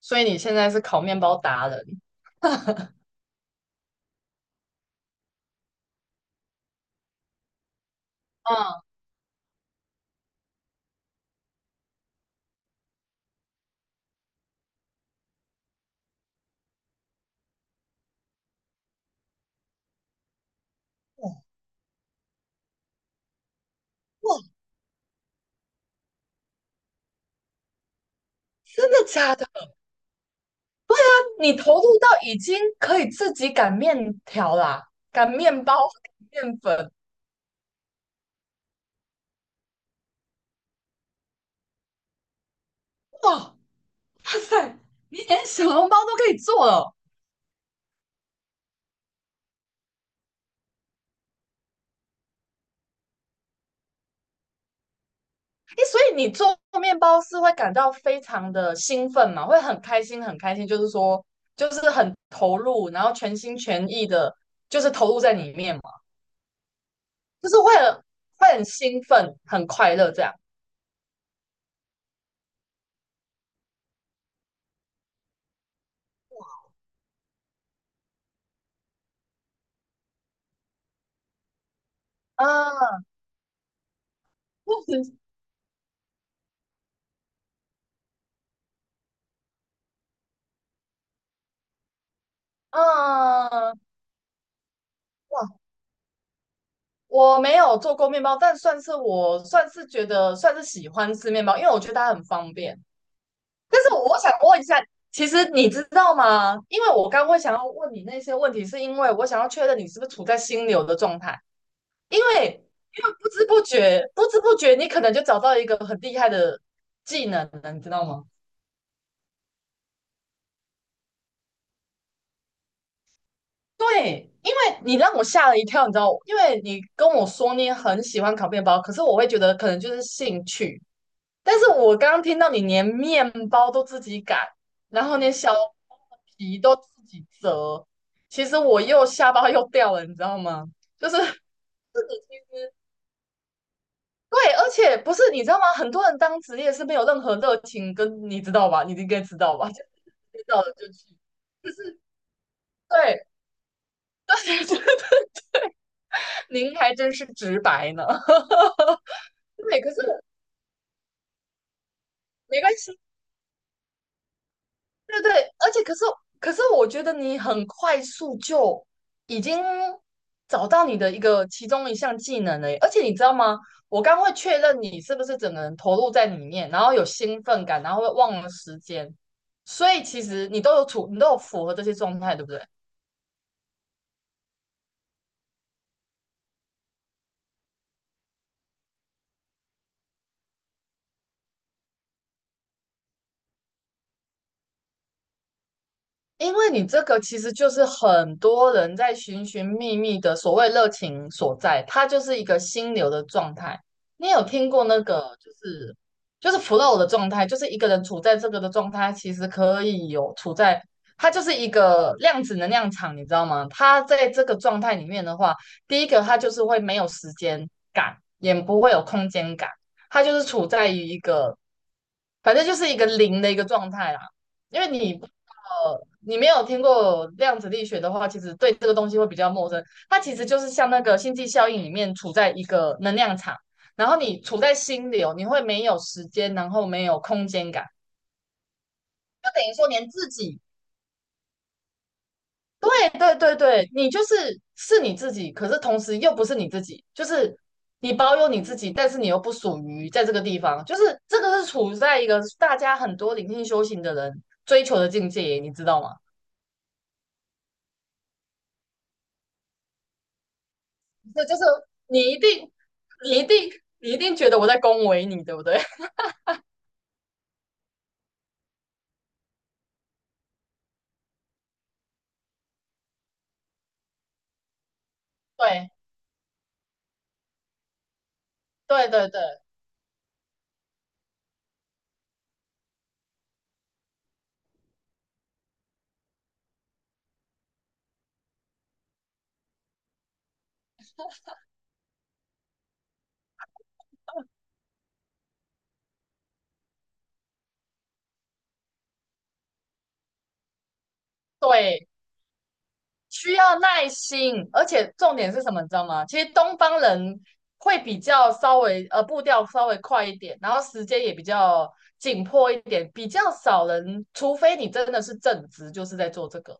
所以你现在是烤面包达人。嗯，哇，真的假的？你投入到已经可以自己擀面条啦，擀面包、擀面粉，哇，哇塞，你连小笼包都可以做了。诶，所以你做面包是会感到非常的兴奋嘛？会很开心，很开心，就是说，就是很投入，然后全心全意的，就是投入在里面嘛，就是会很兴奋，很快乐这样。啊，嗯，哇，我没有做过面包，但算是我算是觉得算是喜欢吃面包，因为我觉得它很方便。但是我想问一下，其实你知道吗？因为我刚会想要问你那些问题，是因为我想要确认你是不是处在心流的状态，因为因为不知不觉，你可能就找到一个很厉害的技能了，你知道吗？对，因为你让我吓了一跳，你知道，因为你跟我说你很喜欢烤面包，可是我会觉得可能就是兴趣。但是我刚刚听到你连面包都自己擀，然后连小皮都自己折，其实我又下巴又掉了，你知道吗？就是这个其实对，而且不是你知道吗？很多人当职业是没有任何热情跟，你知道吧？你应该知道吧？就知道了就去。对，您还真是直白呢。对，可是没关系，对对，而且可是，我觉得你很快速就已经找到你的一个其中一项技能了耶而且你知道吗？我刚会确认你是不是整个人投入在里面，然后有兴奋感，然后会忘了时间，所以其实你都有处，你都有符合这些状态，对不对？因为你这个其实就是很多人在寻寻觅觅的所谓热情所在，它就是一个心流的状态。你有听过那个就是就是 flow 的状态，就是一个人处在这个的状态，其实可以有处在它就是一个量子能量场，你知道吗？它在这个状态里面的话，第一个它就是会没有时间感，也不会有空间感，它就是处在于一个反正就是一个零的一个状态啦。因为你,你没有听过量子力学的话，其实对这个东西会比较陌生。它其实就是像那个星际效应里面处在一个能量场，然后你处在心流，你会没有时间，然后没有空间感，就等于说连自己，哎，对对对，你就是是你自己，可是同时又不是你自己，就是你保有你自己，但是你又不属于在这个地方，就是这个是处在一个大家很多灵性修行的人追求的境界，你知道吗？这就是你一定，你一定，你一定觉得我在恭维你，对不对？对，对，对，对，对，需要耐心，而且重点是什么，你知道吗？其实东方人会比较稍微步调稍微快一点，然后时间也比较紧迫一点，比较少人，除非你真的是正职，就是在做这个。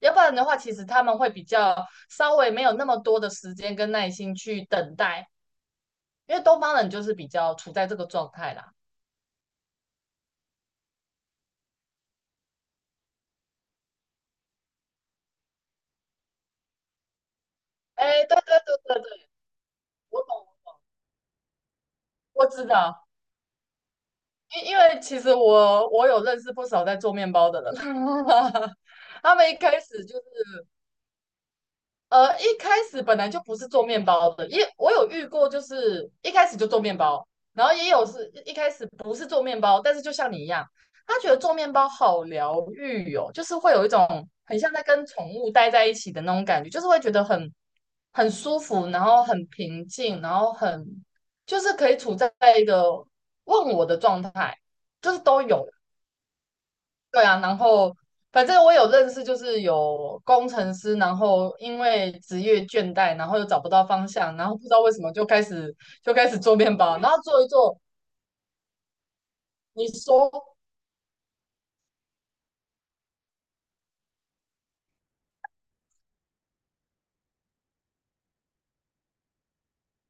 要不然的话，其实他们会比较稍微没有那么多的时间跟耐心去等待，因为东方人就是比较处在这个状态啦。哎，对对对对对，我懂，我知道，因为其实我有认识不少在做面包的人，他们一开始就是,一开始本来就不是做面包的，也我有遇过，就是一开始就做面包，然后也有是一开始不是做面包，但是就像你一样，他觉得做面包好疗愈哦，就是会有一种很像在跟宠物待在一起的那种感觉，就是会觉得很舒服，然后很平静，然后很就是可以处在一个问我的状态，就是都有对啊，然后反正我有认识，就是有工程师，然后因为职业倦怠，然后又找不到方向，然后不知道为什么就开始做面包，然后做一做，你手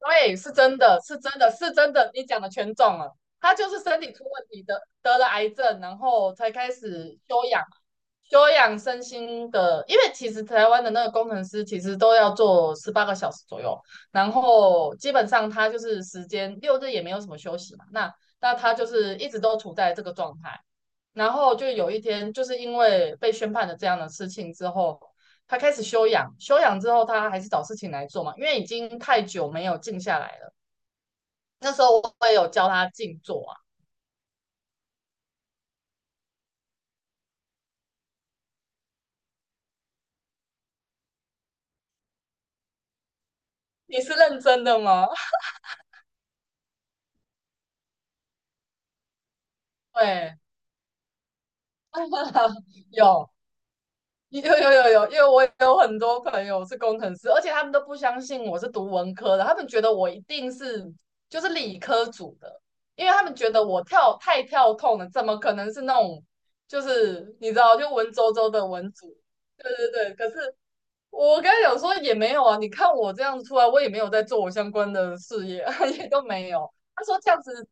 对，是真的，是真的，是真的，你讲的全中了。他就是身体出问题的，得了癌症，然后才开始休养，休养身心的。因为其实台湾的那个工程师其实都要做18个小时左右，然后基本上他就是时间六日也没有什么休息嘛。那他就是一直都处在这个状态，然后就有一天就是因为被宣判了这样的事情之后，他开始休养，休养之后他还是找事情来做嘛，因为已经太久没有静下来了。那时候我也有教他静坐啊。你是认真的吗？对，有有有有有，因为我有很多朋友是工程师，而且他们都不相信我是读文科的，他们觉得我一定是就是理科组的，因为他们觉得我跳太跳痛了，怎么可能是那种就是你知道就文绉绉的文组？对对对，可是我刚才讲说也没有啊，你看我这样子出来，我也没有在做我相关的事业，也都没有。他说这样子，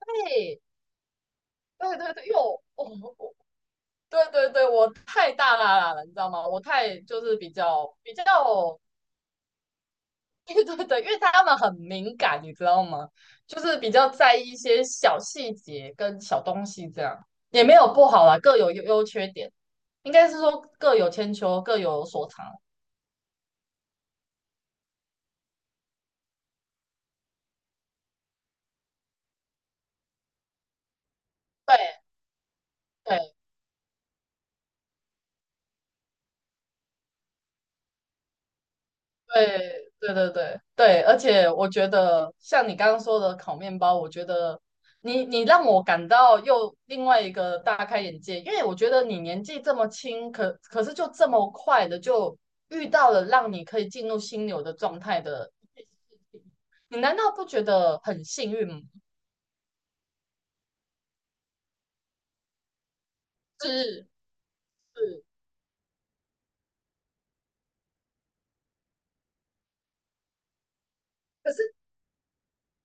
对，对对对，因为我对对对，我太大啦啦了，你知道吗？我太就是比较比较，对对对，因为他们很敏感，你知道吗？就是比较在意一些小细节跟小东西，这样也没有不好啦，各有优优缺点，应该是说各有千秋，各有所长。对对对对对对对，而且我觉得像你刚刚说的烤面包，我觉得你你让我感到又另外一个大开眼界，因为我觉得你年纪这么轻，可可是就这么快的就遇到了让你可以进入心流的状态的，你难道不觉得很幸运吗？是是，可是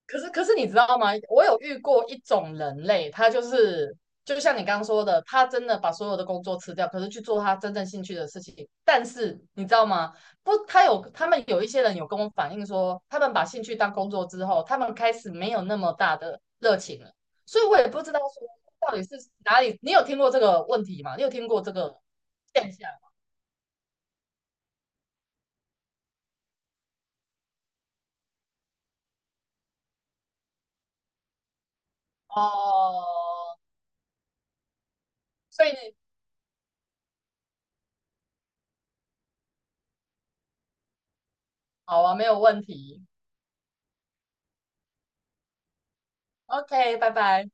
可是你知道吗？我有遇过一种人类，他就是就像你刚刚说的，他真的把所有的工作辞掉，可是去做他真正兴趣的事情。但是你知道吗？不，他有他们有一些人有跟我反映说，他们把兴趣当工作之后，他们开始没有那么大的热情了。所以我也不知道说到底是哪里。你有听过这个问题吗？你有听过这个现象吗？哦，所以你好啊，没有问题。OK,拜拜。